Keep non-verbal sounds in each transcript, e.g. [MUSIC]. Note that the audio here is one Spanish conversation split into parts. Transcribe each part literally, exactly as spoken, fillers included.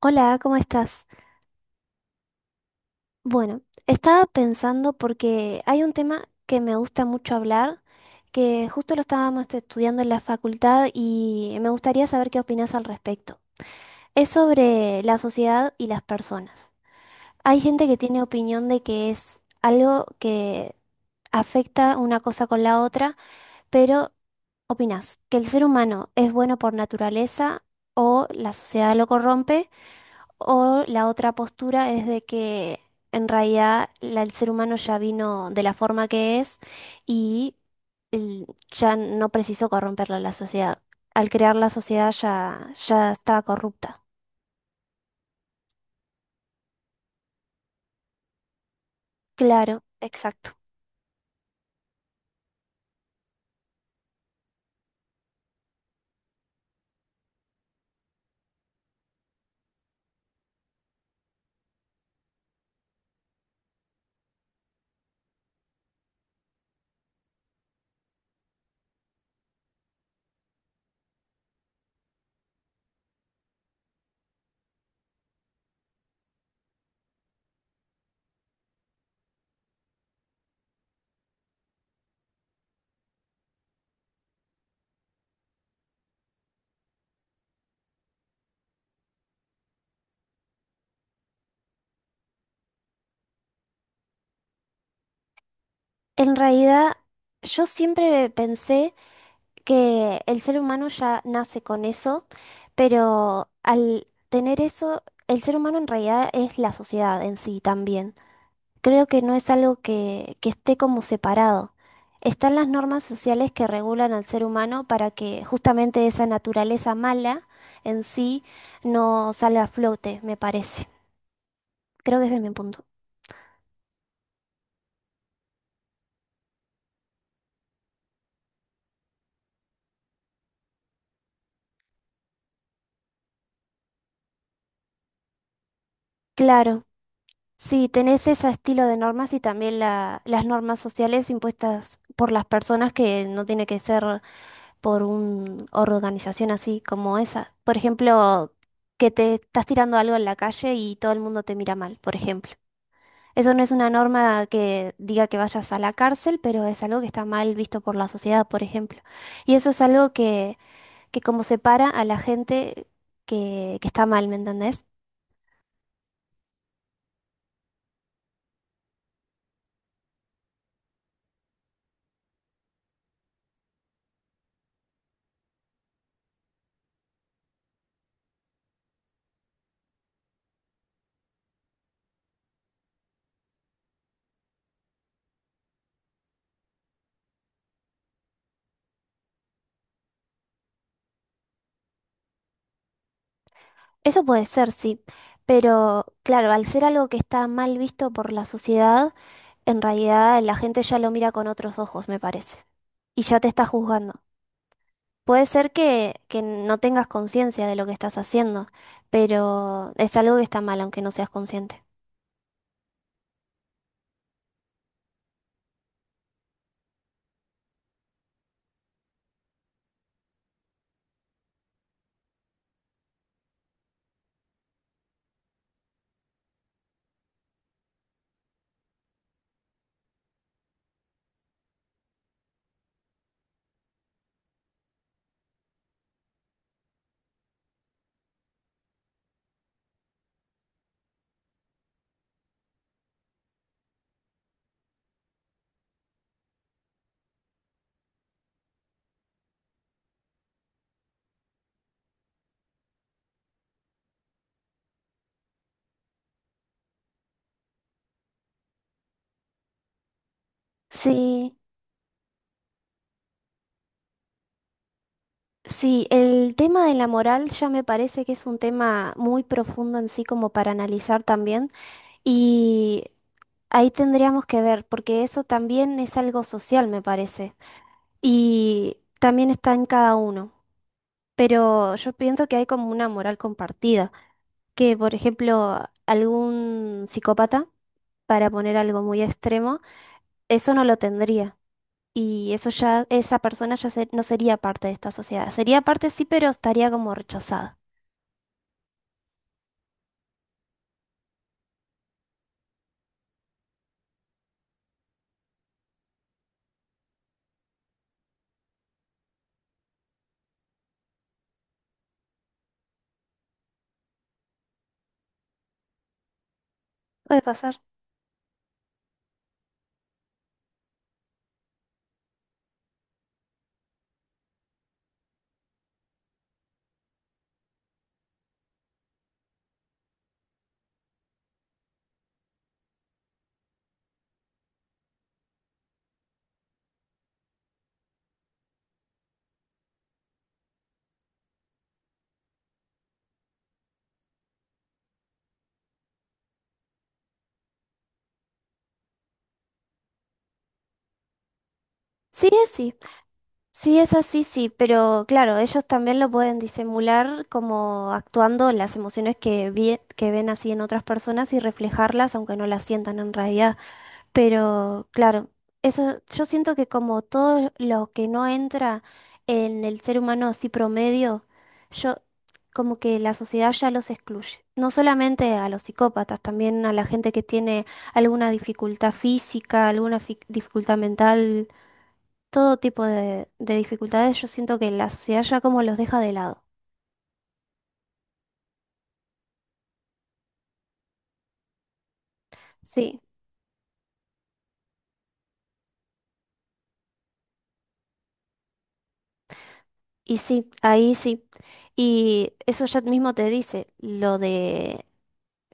Hola, ¿cómo estás? Bueno, estaba pensando porque hay un tema que me gusta mucho hablar, que justo lo estábamos estudiando en la facultad y me gustaría saber qué opinas al respecto. Es sobre la sociedad y las personas. Hay gente que tiene opinión de que es algo que afecta una cosa con la otra, pero ¿opinas que el ser humano es bueno por naturaleza o la sociedad lo corrompe? O la otra postura es de que en realidad la- el ser humano ya vino de la forma que es y el- ya no precisó corromperla la sociedad. Al crear la sociedad ya, ya estaba corrupta. Claro, exacto. En realidad, yo siempre pensé que el ser humano ya nace con eso, pero al tener eso, el ser humano en realidad es la sociedad en sí también. Creo que no es algo que, que esté como separado. Están las normas sociales que regulan al ser humano para que justamente esa naturaleza mala en sí no salga a flote, me parece. Creo que ese es mi punto. Claro, sí, tenés ese estilo de normas y también la- las normas sociales impuestas por las personas que no tiene que ser por una organización así como esa. Por ejemplo, que te estás tirando algo en la calle y todo el mundo te mira mal, por ejemplo. Eso no es una norma que diga que vayas a la cárcel, pero es algo que está mal visto por la sociedad, por ejemplo. Y eso es algo que, que como separa a la gente que, que está mal, ¿me entendés? Eso puede ser, sí. Pero claro, al ser algo que está mal visto por la sociedad, en realidad la gente ya lo mira con otros ojos, me parece. Y ya te está juzgando. Puede ser que, que no tengas conciencia de lo que estás haciendo, pero es algo que está mal, aunque no seas consciente. Sí. Sí, el tema de la moral ya me parece que es un tema muy profundo en sí como para analizar también y ahí tendríamos que ver porque eso también es algo social me parece y también está en cada uno, pero yo pienso que hay como una moral compartida, que por ejemplo algún psicópata, para poner algo muy extremo, eso no lo tendría. Y eso ya, esa persona ya se- no sería parte de esta sociedad. Sería parte sí, pero estaría como rechazada. Puede pasar. Sí, es sí. Sí, es así, sí. Pero claro, ellos también lo pueden disimular como actuando las emociones que, vi- que ven así en otras personas y reflejarlas, aunque no las sientan en realidad. Pero claro, eso yo siento que como todo lo que no entra en el ser humano así promedio, yo como que la sociedad ya los excluye. No solamente a los psicópatas, también a la gente que tiene alguna dificultad física, alguna fi- dificultad mental todo tipo de, de dificultades, yo siento que la sociedad ya como los deja de lado. Sí, y sí, ahí sí. Y eso ya mismo te dice lo de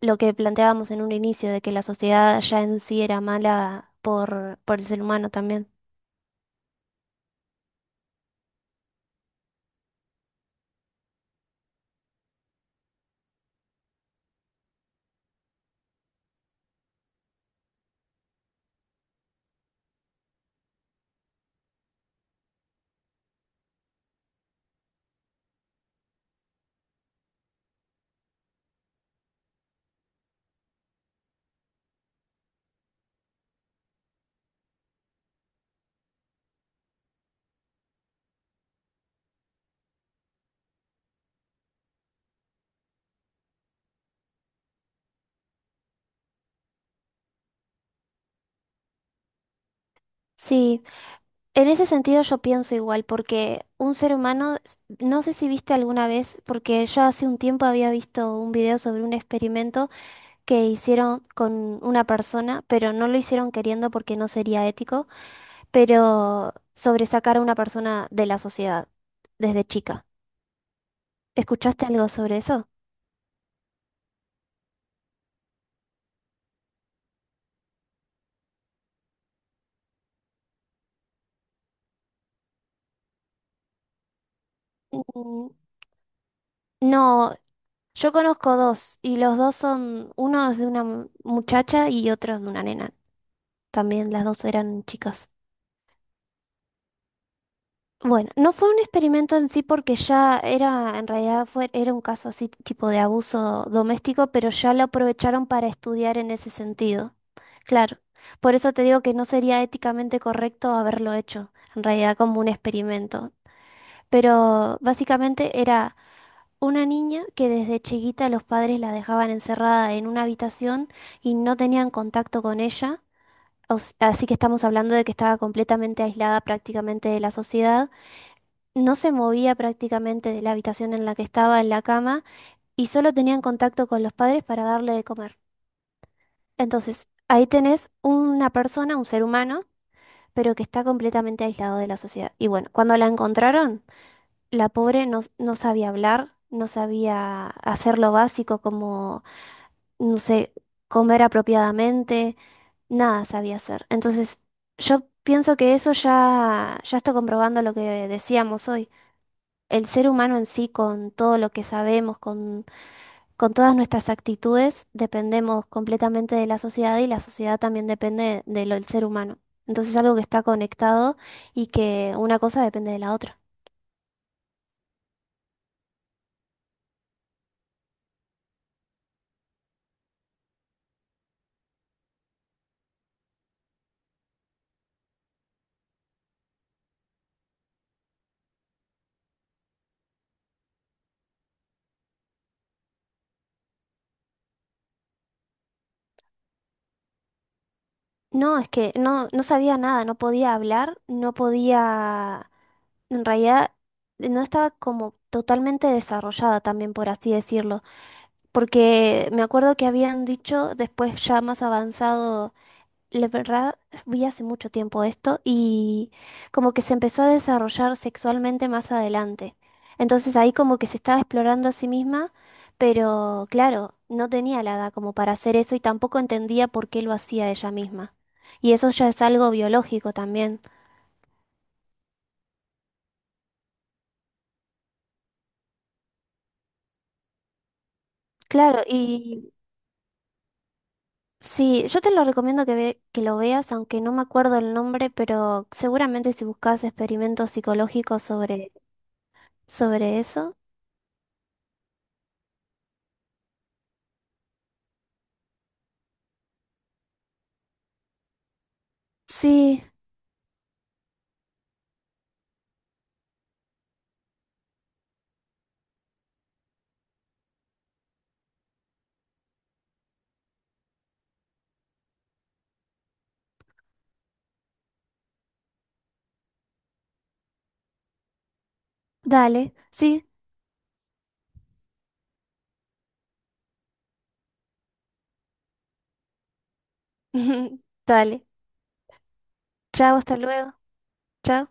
lo que planteábamos en un inicio, de que la sociedad ya en sí era mala por, por el ser humano también. Sí, en ese sentido yo pienso igual, porque un ser humano, s- no sé si viste alguna vez, porque yo hace un tiempo había visto un video sobre un experimento que hicieron con una persona, pero no lo hicieron queriendo porque no sería ético, pero sobre sacar a una persona de la sociedad desde chica. ¿Escuchaste algo sobre eso? Mm, No, yo conozco dos y los dos son, uno es de una mu- muchacha y otro es de una nena. También las dos eran chicas. Bueno, no fue un experimento en sí porque ya era, en realidad fue, era un caso así tipo de abuso doméstico, pero ya lo aprovecharon para estudiar en ese sentido. Claro, por eso te digo que no sería éticamente correcto haberlo hecho, en realidad como un experimento. Pero básicamente era una niña que desde chiquita los padres la dejaban encerrada en una habitación y no tenían contacto con ella. O Así que estamos hablando de que estaba completamente aislada prácticamente de la sociedad, no se movía prácticamente de la habitación en la que estaba en la cama y solo tenían contacto con los padres para darle de comer. Entonces, ahí tenés una persona, un ser humano, pero que está completamente aislado de la sociedad. Y bueno, cuando la encontraron, la pobre no, no sabía hablar, no sabía hacer lo básico como, no sé, comer apropiadamente, nada sabía hacer. Entonces, yo pienso que eso ya, ya está comprobando lo que decíamos hoy. El ser humano en sí, con todo lo que sabemos, con, con todas nuestras actitudes, dependemos completamente de la sociedad y la sociedad también depende de lo del ser humano. Entonces es algo que está conectado y que una cosa depende de la otra. No, es que no, no sabía nada, no podía hablar, no podía, en realidad no estaba como totalmente desarrollada también, por así decirlo, porque me acuerdo que habían dicho después ya más avanzado la verdad, vi hace mucho tiempo esto y como que se empezó a desarrollar sexualmente más adelante. Entonces ahí como que se estaba explorando a sí misma, pero claro, no tenía la edad como para hacer eso y tampoco entendía por qué lo hacía ella misma. Y eso ya es algo biológico también. Claro, y sí, yo te lo recomiendo que, ve- que lo veas, aunque no me acuerdo el nombre, pero seguramente si buscas experimentos psicológicos sobre, sobre eso. Sí, dale, sí. [LAUGHS] Dale. Chao, hasta luego. Chao.